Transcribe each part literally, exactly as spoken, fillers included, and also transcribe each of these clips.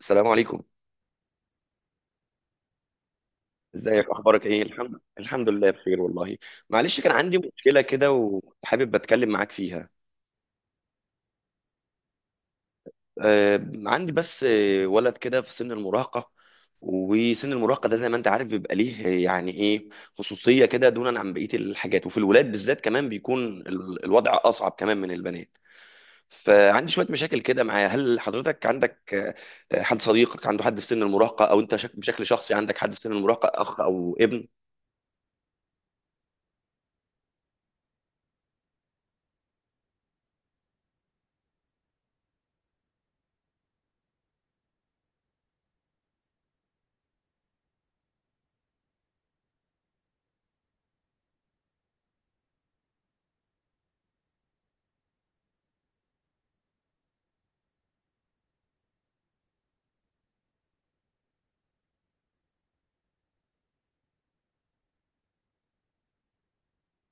السلام عليكم. ازيك اخبارك ايه الحمد الحمد لله بخير والله. معلش كان عندي مشكله كده وحابب اتكلم معاك فيها. آه عندي بس آه، ولد كده في سن المراهقه، وسن المراهقه ده زي ما انت عارف بيبقى ليه آه، يعني ايه خصوصيه كده دونا عن بقيه الحاجات، وفي الولاد بالذات كمان بيكون ال- الوضع اصعب كمان من البنات. فعندي شويه مشاكل كده معاه. هل حضرتك عندك آه، آه، حد صديقك عنده حد في سن المراهقه، او انت شك- بشكل شخصي عندك حد في سن المراهقه، اخ او ابن؟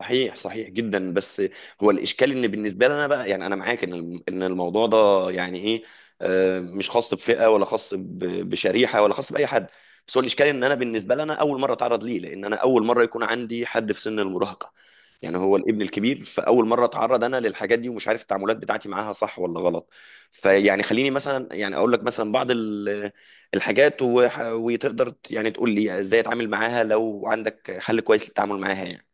صحيح، صحيح جدا. بس هو الاشكال ان بالنسبه لي انا بقى، يعني انا معاك ان الم- ان الموضوع ده يعني ايه آه، مش خاص بفئه ولا خاص ب- بشريحه ولا خاص باي حد. بس هو الاشكال ان انا بالنسبه لي انا اول مره اتعرض ليه، لان انا اول مره يكون عندي حد في سن المراهقه، يعني هو الابن الكبير. فاول مره اتعرض انا للحاجات دي ومش عارف التعاملات بتاعتي معاها صح ولا غلط. فيعني خليني مثلا يعني اقول لك مثلا بعض ال- الحاجات، وح- وتقدر يعني تقول لي ازاي اتعامل معاها لو عندك حل كويس للتعامل معاها يعني.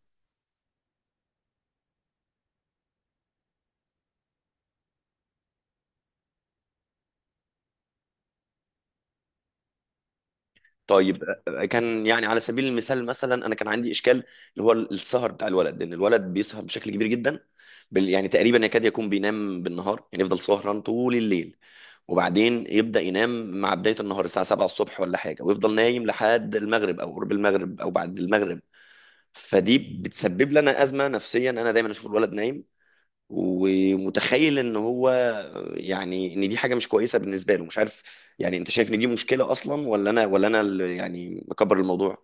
طيب، آه، كان يعني على سبيل المثال مثلا انا كان عندي اشكال اللي هو السهر بتاع الولد، ان الولد بيسهر بشكل كبير جدا، بال- يعني تقريبا يكاد يكون بينام بالنهار، يعني يفضل سهران طول الليل وبعدين يبدأ ينام مع بداية النهار الساعة سبعة الصبح ولا حاجة، ويفضل نايم لحد المغرب أو قرب المغرب أو بعد المغرب. فدي بتسبب لنا أزمة نفسيا، أنا دايما أشوف الولد نايم ومتخيل ان هو يعني ان دي حاجه مش كويسه بالنسبه له، مش عارف. يعني انت شايف ان دي مشكله اصلا، ولا انا ولا انا اللي يعني مكبر الموضوع؟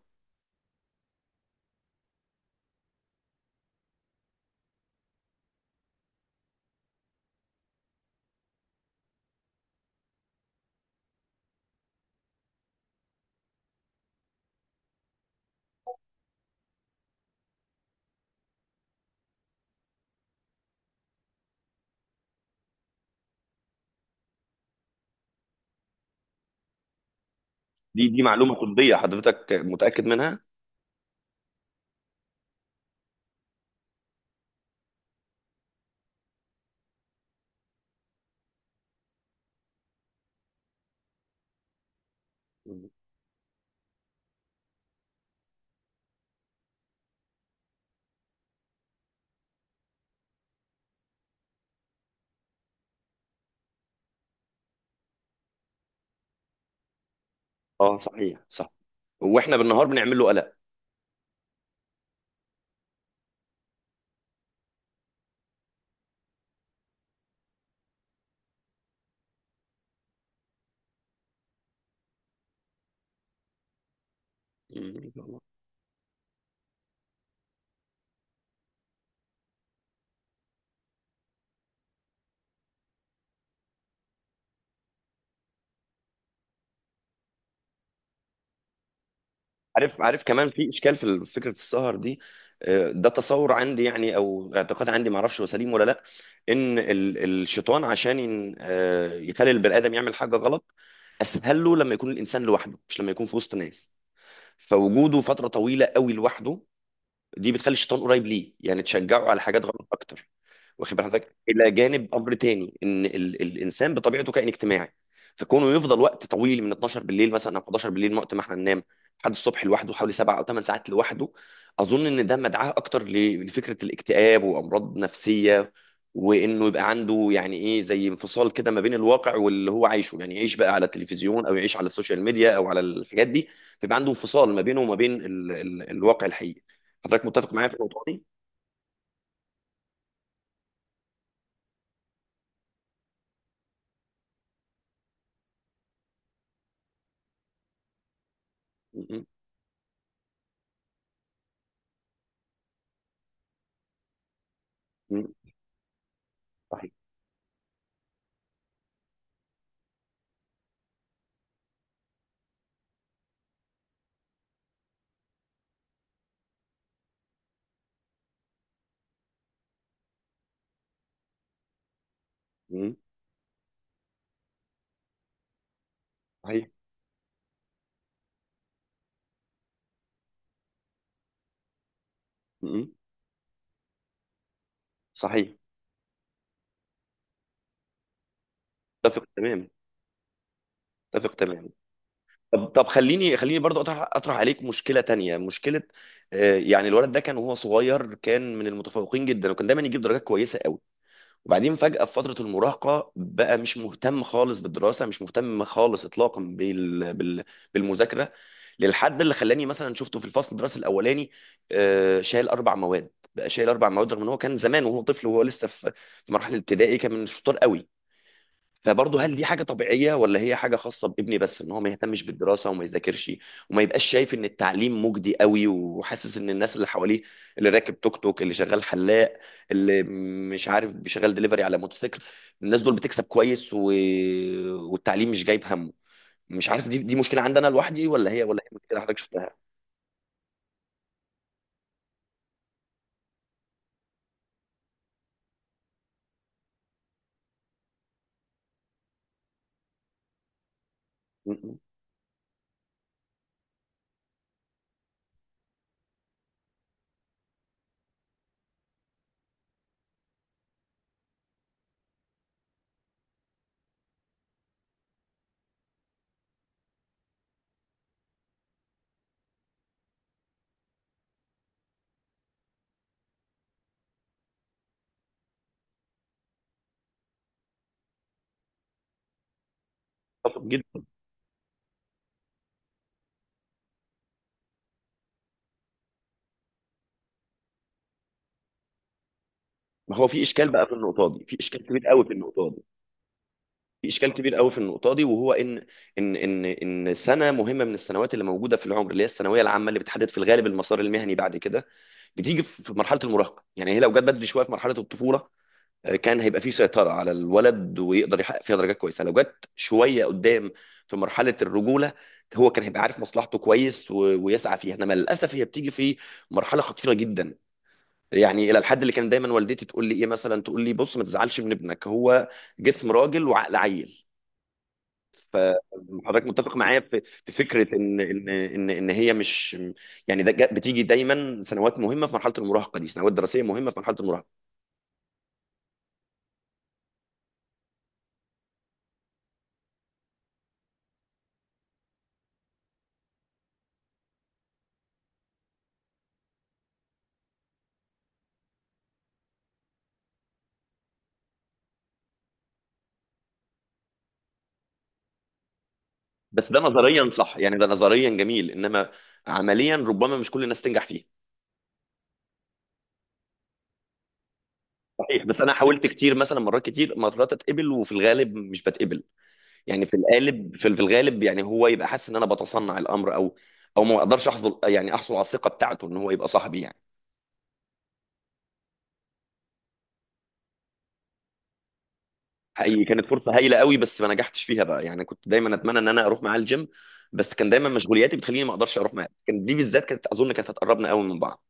دي دي معلومه طبيه حضرتك متاكد منها؟ اه صحيح، صح، واحنا بالنهار بنعمل له قلق. مم. عارف، عارف كمان في اشكال في ال- فكره السهر دي. آه، ده تصور عندي يعني او اعتقاد عندي ما اعرفش هو سليم ولا لا، ان ال- الشيطان عشان ين- آه، يخلي البني ادم يعمل حاجه غلط، اسهل له لما يكون الانسان لوحده مش لما يكون في وسط ناس. فوجوده فتره طويله قوي لوحده دي بتخلي الشيطان قريب ليه، يعني تشجعه على حاجات غلط اكتر. واخد بال حضرتك الى جانب امر تاني، ان ال الانسان بطبيعته كائن اجتماعي، فكونه يفضل وقت طويل من اتناشر بالليل مثلا او احد عشر بالليل، وقت ما احنا ننام، لحد الصبح لوحده، حوالي سبع او ثمان ساعات لوحده، اظن ان ده مدعاه اكتر ل- لفكره الاكتئاب وامراض نفسيه، وانه يبقى عنده يعني ايه زي انفصال كده ما بين الواقع واللي هو عايشه، يعني يعيش بقى على التلفزيون او يعيش على السوشيال ميديا او على الحاجات دي، فيبقى عنده انفصال ما بينه وما بين ال ال الواقع الحقيقي. حضرتك متفق معايا في النقطه دي؟ م- م- م- صحيح. م- صحيح. م- م. صحيح. اتفق تمام. اتفق تمام. طب، طب خليني خليني برضو اطرح اطرح عليك مشكله تانية. مشكله آه، يعني الولد ده كان وهو صغير كان من المتفوقين جدا، وكان دايما يجيب درجات كويسه قوي، وبعدين فجاه في فتره المراهقه بقى مش مهتم خالص بالدراسه، مش مهتم خالص اطلاقا بال... بال... بالمذاكره، للحد اللي خلاني مثلا شفته في الفصل الدراسي الاولاني آه، شايل اربع مواد، بقى شايل اربع مواد، رغم ان هو كان زمان وهو طفل وهو لسه في في مرحله ابتدائي كان من الشطار قوي. فبرضه هل دي حاجة طبيعية ولا هي حاجة خاصة بابني بس، ان هو ما يهتمش بالدراسة وما يذاكرش، وما يبقاش شايف ان التعليم مجدي قوي، وحاسس ان الناس اللي حواليه، اللي راكب توك توك، اللي شغال حلاق، اللي مش عارف بيشغل دليفري على موتوسيكل، الناس دول بتكسب كويس، و... والتعليم مش جايب همه. مش عارف دي دي مشكلة عندنا لوحدي، ولا هي ولا هي مشكلة حضرتك شفتها. م- م. اتفق جدا. ما هو في اشكال بقى في النقطة دي، في اشكال كبير قوي في النقطة دي، في اشكال كبير قوي في النقطه دي، وهو ان ان ان ان سنه مهمه من السنوات اللي موجوده في العمر، اللي هي الثانويه العامه، اللي بتحدد في الغالب المسار المهني بعد كده، بتيجي في مرحله المراهقه، يعني هي لو جت بدري شويه في مرحله الطفوله، آه، كان هيبقى في سيطره على الولد ويقدر يحقق فيها درجات كويسه، لو جت شويه قدام في مرحله الرجوله هو كان هيبقى عارف مصلحته كويس، و- ويسعى فيها، انما للاسف هي بتيجي في مرحله خطيره جدا، يعني الى الحد اللي كان دايما والدتي تقول لي ايه، مثلا تقول لي بص ما تزعلش من ابنك، هو جسم راجل وعقل عيل. فحضرتك متفق معايا في في فكره ان ان ان ان هي مش، يعني ده جا- بتيجي دايما سنوات مهمه في مرحله المراهقه دي، سنوات دراسيه مهمه في مرحله المراهقه. بس ده نظريا صح، يعني ده نظريا جميل، انما عمليا ربما مش كل الناس تنجح فيه. صحيح، بس انا حاولت كتير، مثلا مرات كتير، مرات اتقبل وفي الغالب مش بتقبل، يعني في الغالب في في الغالب يعني هو يبقى حاسس ان انا بتصنع الامر، او او ما اقدرش احصل يعني احصل على الثقه بتاعته ان هو يبقى صاحبي يعني. حقيقي كانت فرصه هايله قوي بس ما نجحتش فيها بقى، يعني كنت دايما اتمنى ان انا اروح معاه الجيم بس كان دايما مشغولياتي بتخليني ما اقدرش اروح معاه، كان دي بالذات كانت اظن كانت هتقربنا قوي من بعض،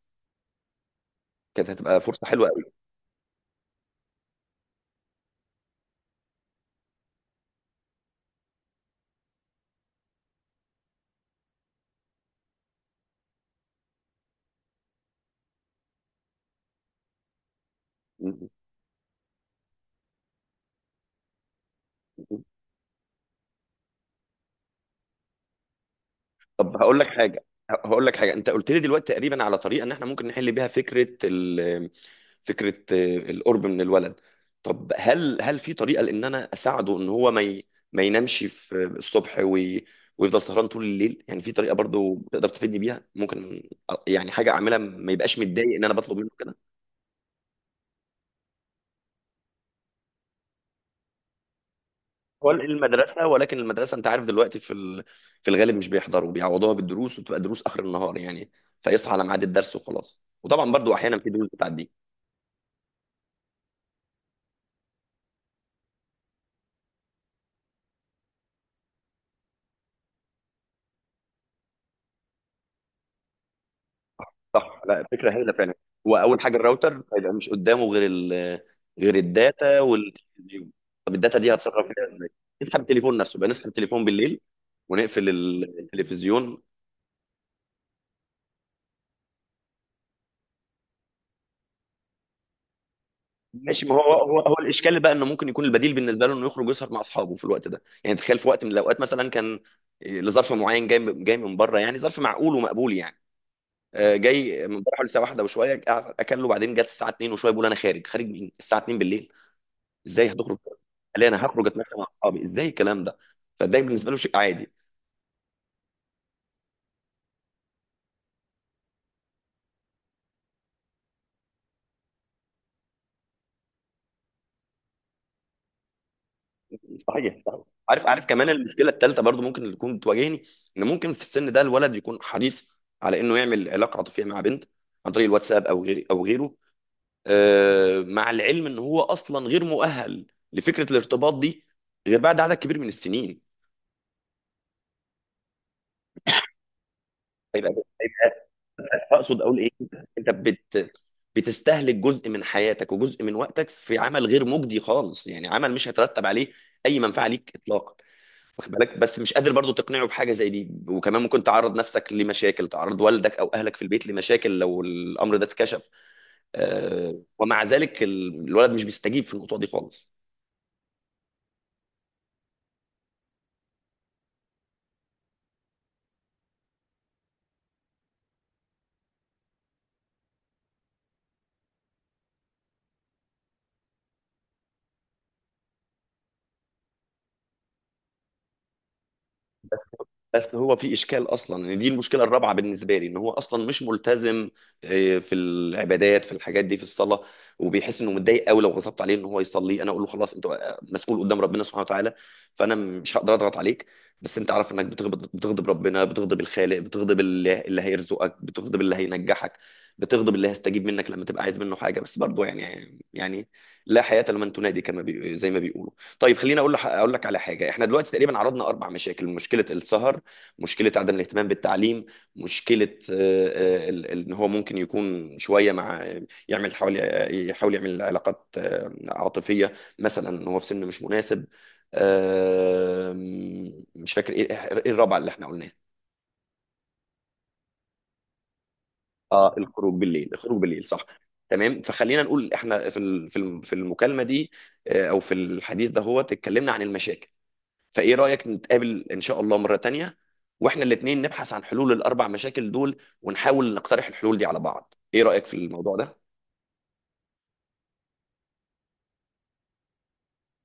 كانت هتبقى فرصه حلوه قوي. طب هقول لك حاجه، هقول لك حاجه، انت قلت لي دلوقتي تقريبا على طريقه ان احنا ممكن نحل بيها فكره ال... فكره القرب من الولد. طب هل هل في طريقه لان انا اساعده ان هو ما ي... ما ينامش في الصبح وي... ويفضل سهران طول الليل، يعني في طريقه برضو تقدر تفيدني بيها ممكن، يعني حاجه اعملها ما يبقاش متضايق ان انا بطلب منه كده؟ هو المدرسه، ولكن المدرسه انت عارف دلوقتي في ال... في الغالب مش بيحضروا، بيعوضوها بالدروس وبتبقى دروس اخر النهار يعني، فيصحى على ميعاد الدرس وخلاص، وطبعا برضو احيانا في دروس بتعدي. صح، لا الفكره هايله فعلا. هو اول حاجه الراوتر هيبقى مش قدامه غير ال غير الداتا وال طب الداتا دي هتصرف فيها ازاي؟ نسحب التليفون نفسه بقى، نسحب التليفون بالليل ونقفل ال- التلفزيون. ماشي، ما هو هو هو الاشكال بقى انه ممكن يكون البديل بالنسبه له انه يخرج يسهر مع اصحابه في الوقت ده، يعني تخيل في وقت من الاوقات مثلا كان لظرف معين جاي جاي من بره يعني ظرف معقول ومقبول يعني، آه، جاي من بره حوالي الساعه واحدة وشويه، قعد اكله، بعدين جت الساعه اتنين وشويه بيقول انا خارج. خارج مين الساعه اتنين بالليل؟ ازاي هتخرج؟ قال لي انا هخرج اتمشى مع اصحابي. ازاي الكلام ده؟ فده بالنسبه له شيء عادي. صحيح. عارف، عارف كمان المشكله الثالثه برضو ممكن اللي تكون بتواجهني، ان ممكن في السن ده الولد يكون حريص على انه يعمل علاقه عاطفيه مع بنت، عن طريق الواتساب او غير او غيره، آه، مع العلم ان هو اصلا غير مؤهل لفكره الارتباط دي غير بعد عدد كبير من السنين. هيبقى، اقصد اقول ايه، انت بت بتستهلك جزء من حياتك وجزء من وقتك في عمل غير مجدي خالص، يعني عمل مش هيترتب عليه اي منفعه ليك اطلاقا. واخد بالك؟ بس مش قادر برضو تقنعه بحاجه زي دي، وكمان ممكن تعرض نفسك لمشاكل، تعرض والدك او اهلك في البيت لمشاكل لو الامر ده اتكشف، آه، ومع ذلك ال- الولد مش بيستجيب في النقطه دي خالص. بس بس هو في اشكال اصلا ان دي المشكله الرابعه بالنسبه لي، ان هو اصلا مش ملتزم آه، في العبادات، في الحاجات دي، في الصلاه، وبيحس انه متضايق قوي لو غضبت عليه ان هو يصلي. انا اقول له خلاص انت مسؤول قدام ربنا سبحانه وتعالى، فانا مش هقدر اضغط عليك، بس انت عارف انك بتغضب، بتغضب ربنا، بتغضب الخالق، بتغضب اللي, اللي هيرزقك، بتغضب اللي هينجحك، بتغضب اللي هيستجيب منك لما تبقى عايز منه حاجه، بس برضه يعني، يعني لا حياه لمن تنادي كما بي... زي ما بيقولوا. طيب خليني اقول لح- اقول لك على حاجه، احنا دلوقتي تقريبا عرضنا اربع مشاكل، مشكله السهر، مشكله عدم الاهتمام بالتعليم، مشكله آه، آه، ال- ال- ان هو ممكن يكون شويه مع، يعمل حوالي، يحاول يعمل علاقات آه، عاطفيه، مثلا ان هو في سن مش مناسب، آه، مش فاكر ايه، إيه الرابعه اللي احنا قلناها؟ اه الخروج بالليل، الخروج بالليل، صح. تمام، فخلينا نقول احنا في ال- في الم- في المكالمه دي آه، او في الحديث ده هو اتكلمنا عن المشاكل، فايه رأيك نتقابل ان شاء الله مرة تانية، واحنا الاتنين نبحث عن حلول الاربع مشاكل دول ونحاول نقترح الحلول دي على بعض، ايه رأيك في الموضوع ده؟